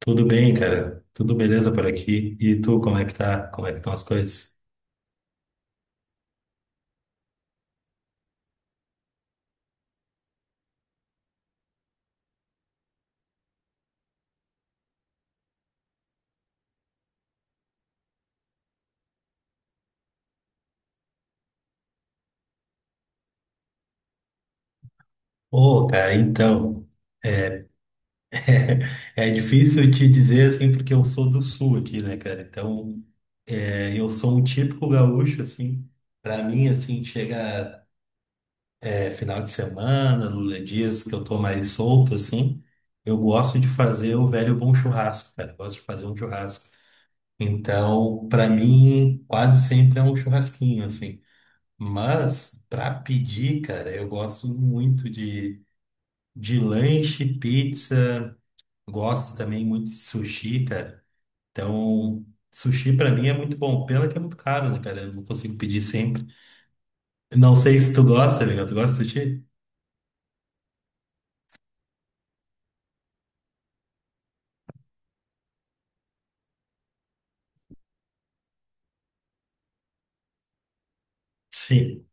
Tudo bem, cara? Tudo beleza por aqui? E tu, como é que tá? Como é que estão as coisas? Ô, cara, então, é difícil te dizer assim, porque eu sou do sul aqui, né, cara? Então, eu sou um típico gaúcho, assim. Pra mim, assim, chega final de semana, dias que eu tô mais solto, assim, eu gosto de fazer o velho bom churrasco, cara. Eu gosto de fazer um churrasco. Então, pra mim, quase sempre é um churrasquinho, assim. Mas, pra pedir, cara, eu gosto muito de lanche, pizza, gosto também muito de sushi, cara. Então, sushi pra mim é muito bom. Pena que é muito caro, né, cara? Eu não consigo pedir sempre. Não sei se tu gosta, amigo. Tu gosta de sushi? Sim.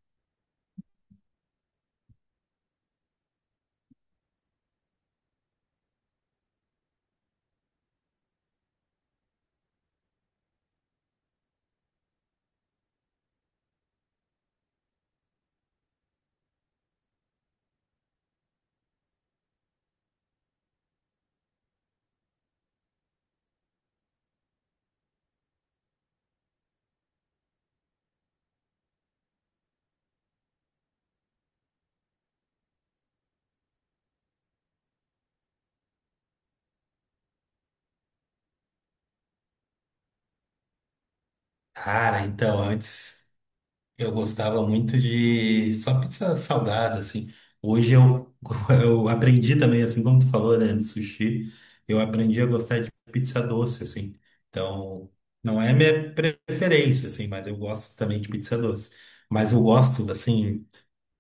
Cara, então, antes. Eu gostava muito de só pizza salgada, assim. Hoje eu, eu aprendi também, assim como tu falou, né, de sushi, eu aprendi a gostar de pizza doce, assim. Então, não é minha preferência, assim, mas eu gosto também de pizza doce. Mas eu gosto, assim,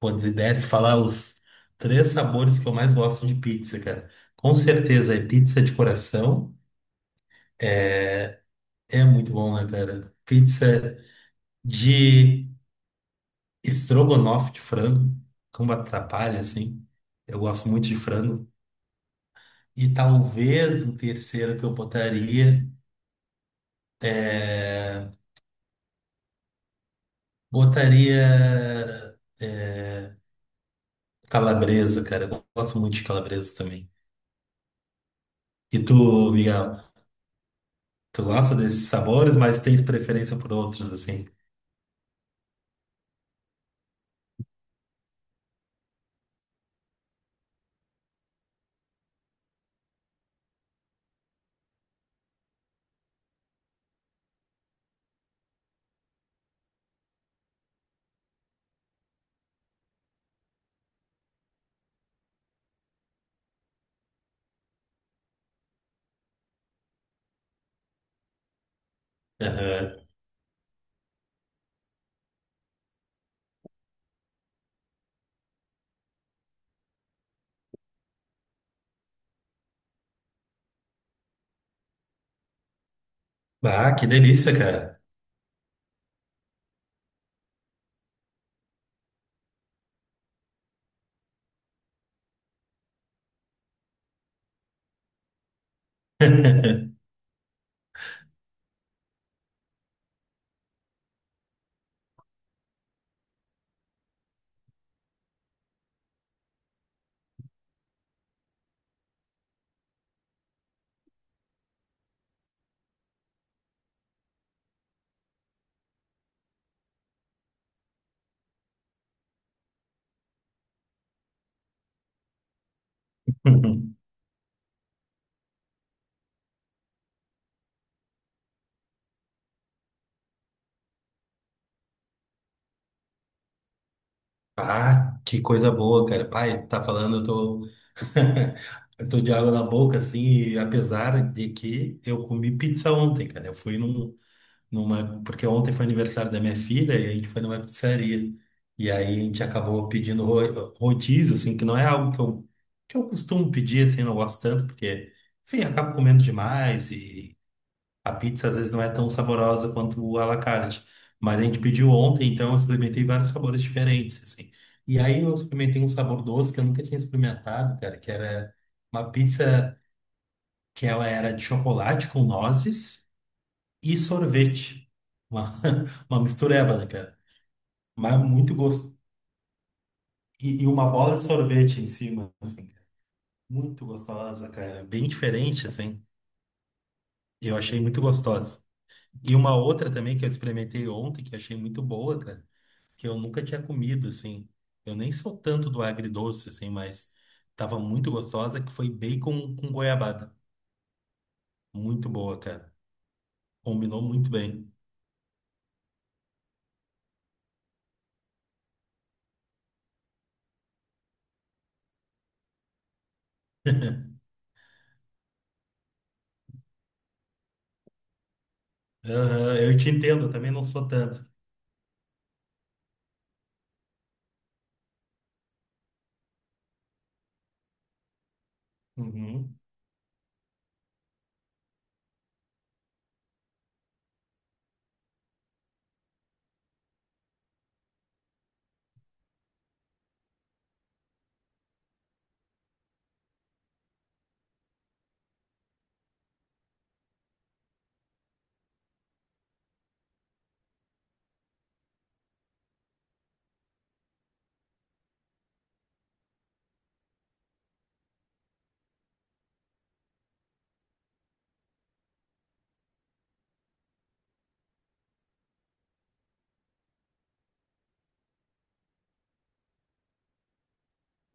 quando pudesse falar os três sabores que eu mais gosto de pizza, cara. Com certeza é pizza de coração, é muito bom, né, cara? Pizza de Estrogonofe de frango, como atrapalha, assim. Eu gosto muito de frango. E talvez um terceiro que eu botaria é... Botaria é, calabresa, cara. Eu gosto muito de calabresa também. E tu, Miguel, tu gosta desses sabores, mas tens preferência por outros, assim. Aham. Ah, que delícia, cara. Ah, que coisa boa, cara. Pai, tá falando, eu tô. Eu tô de água na boca, assim, e apesar de que eu comi pizza ontem, cara. Eu fui num, numa. Porque ontem foi aniversário da minha filha e a gente foi numa pizzaria. E aí a gente acabou pedindo rodízio, assim, que não é algo que eu costumo pedir, assim, não gosto tanto, porque, enfim, eu acabo comendo demais. A pizza às vezes não é tão saborosa quanto o à la carte. Mas a gente pediu ontem, então eu experimentei vários sabores diferentes, assim. E aí eu experimentei um sabor doce que eu nunca tinha experimentado, cara, que era uma pizza que ela era de chocolate com nozes e sorvete. Uma, uma mistureba, né, cara? Mas muito gosto. E uma bola de sorvete em cima, assim, cara. Muito gostosa, cara. Bem diferente, assim. Eu achei muito gostosa. E uma outra também que eu experimentei ontem, que eu achei muito boa, cara. Que eu nunca tinha comido, assim. Eu nem sou tanto do agridoce, assim, mas tava muito gostosa, que foi bacon com goiabada. Muito boa, cara. Combinou muito bem. Aham, eu te entendo, eu também não sou tanto. Uhum.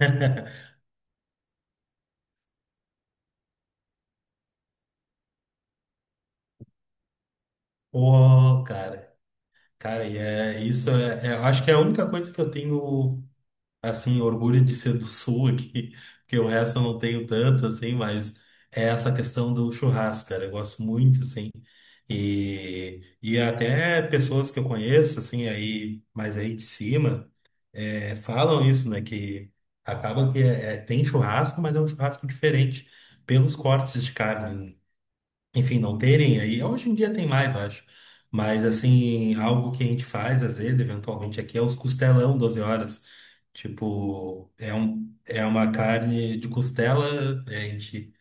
Ô, cara, e é, isso é, acho que é a única coisa que eu tenho. Assim, orgulho de ser do sul aqui, porque o resto eu não tenho tanto, assim, mas é essa questão do churrasco, cara, eu gosto muito, assim, e até pessoas que eu conheço, assim, aí, mas aí de cima, falam isso, né, que acaba que é, tem churrasco, mas é um churrasco diferente pelos cortes de carne, enfim, não terem aí. Hoje em dia tem mais, eu acho. Mas, assim, algo que a gente faz, às vezes, eventualmente aqui, é os costelão 12 horas. Tipo, um, uma carne de costela, né, a gente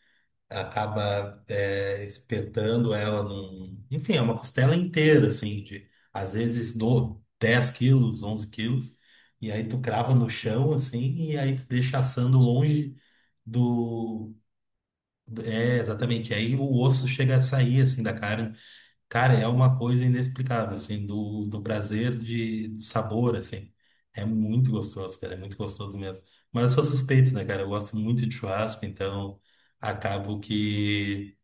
acaba espetando ela num. Enfim, é uma costela inteira, assim, de às vezes do 10 quilos, 11 quilos. E aí tu crava no chão, assim, e aí tu deixa assando longe do. É, exatamente. Aí o osso chega a sair assim da carne. Cara, é uma coisa inexplicável, assim, do, prazer de, do sabor, assim. É muito gostoso, cara, é muito gostoso mesmo. Mas eu sou suspeito, né, cara? Eu gosto muito de churrasco, então acabo que,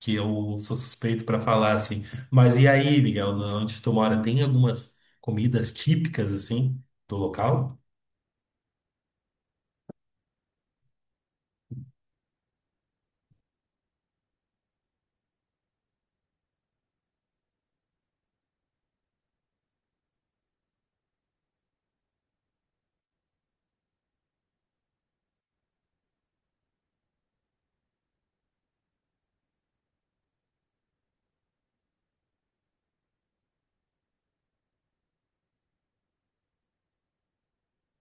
eu sou suspeito pra falar, assim. Mas e aí, Miguel, onde tu mora, tem algumas comidas típicas, assim, do local?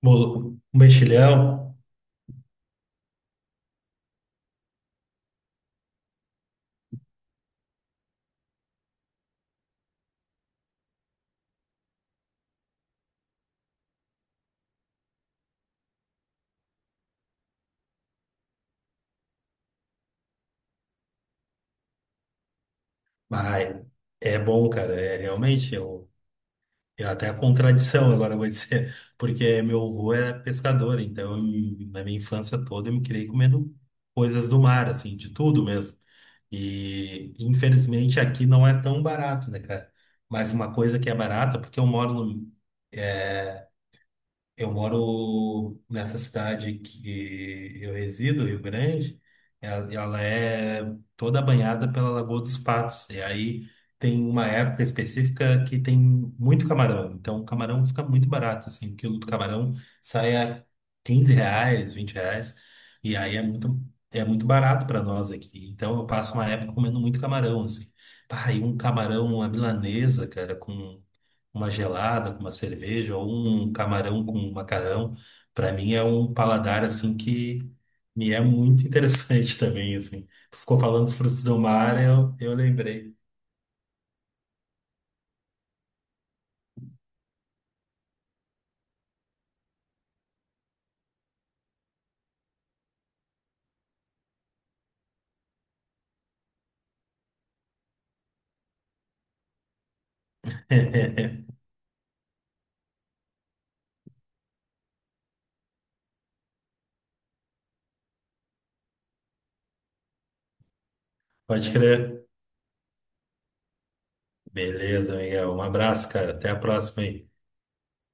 Bolo, mexilhão? Ai, é bom, cara, é realmente. É até a contradição, agora eu vou dizer, porque meu avô era pescador, então na minha infância toda eu me criei comendo coisas do mar, assim, de tudo mesmo. E infelizmente aqui não é tão barato, né, cara? Mas uma coisa que é barata, porque eu moro no, é, eu moro nessa cidade que eu resido, Rio Grande, ela, é toda banhada pela Lagoa dos Patos. E aí tem uma época específica que tem muito camarão. Então o camarão fica muito barato, assim, o quilo do camarão sai a 15 reais, 20 reais. E aí é muito, muito barato para nós aqui. Então eu passo uma época comendo muito camarão, assim. Pá, e um camarão à milanesa, cara, com uma gelada com uma cerveja ou um camarão com um macarrão, para mim é um paladar assim que me é muito interessante também, assim. Tu ficou falando dos frutos do mar, eu, lembrei. Pode crer. Beleza, Miguel. Um abraço, cara. Até a próxima aí.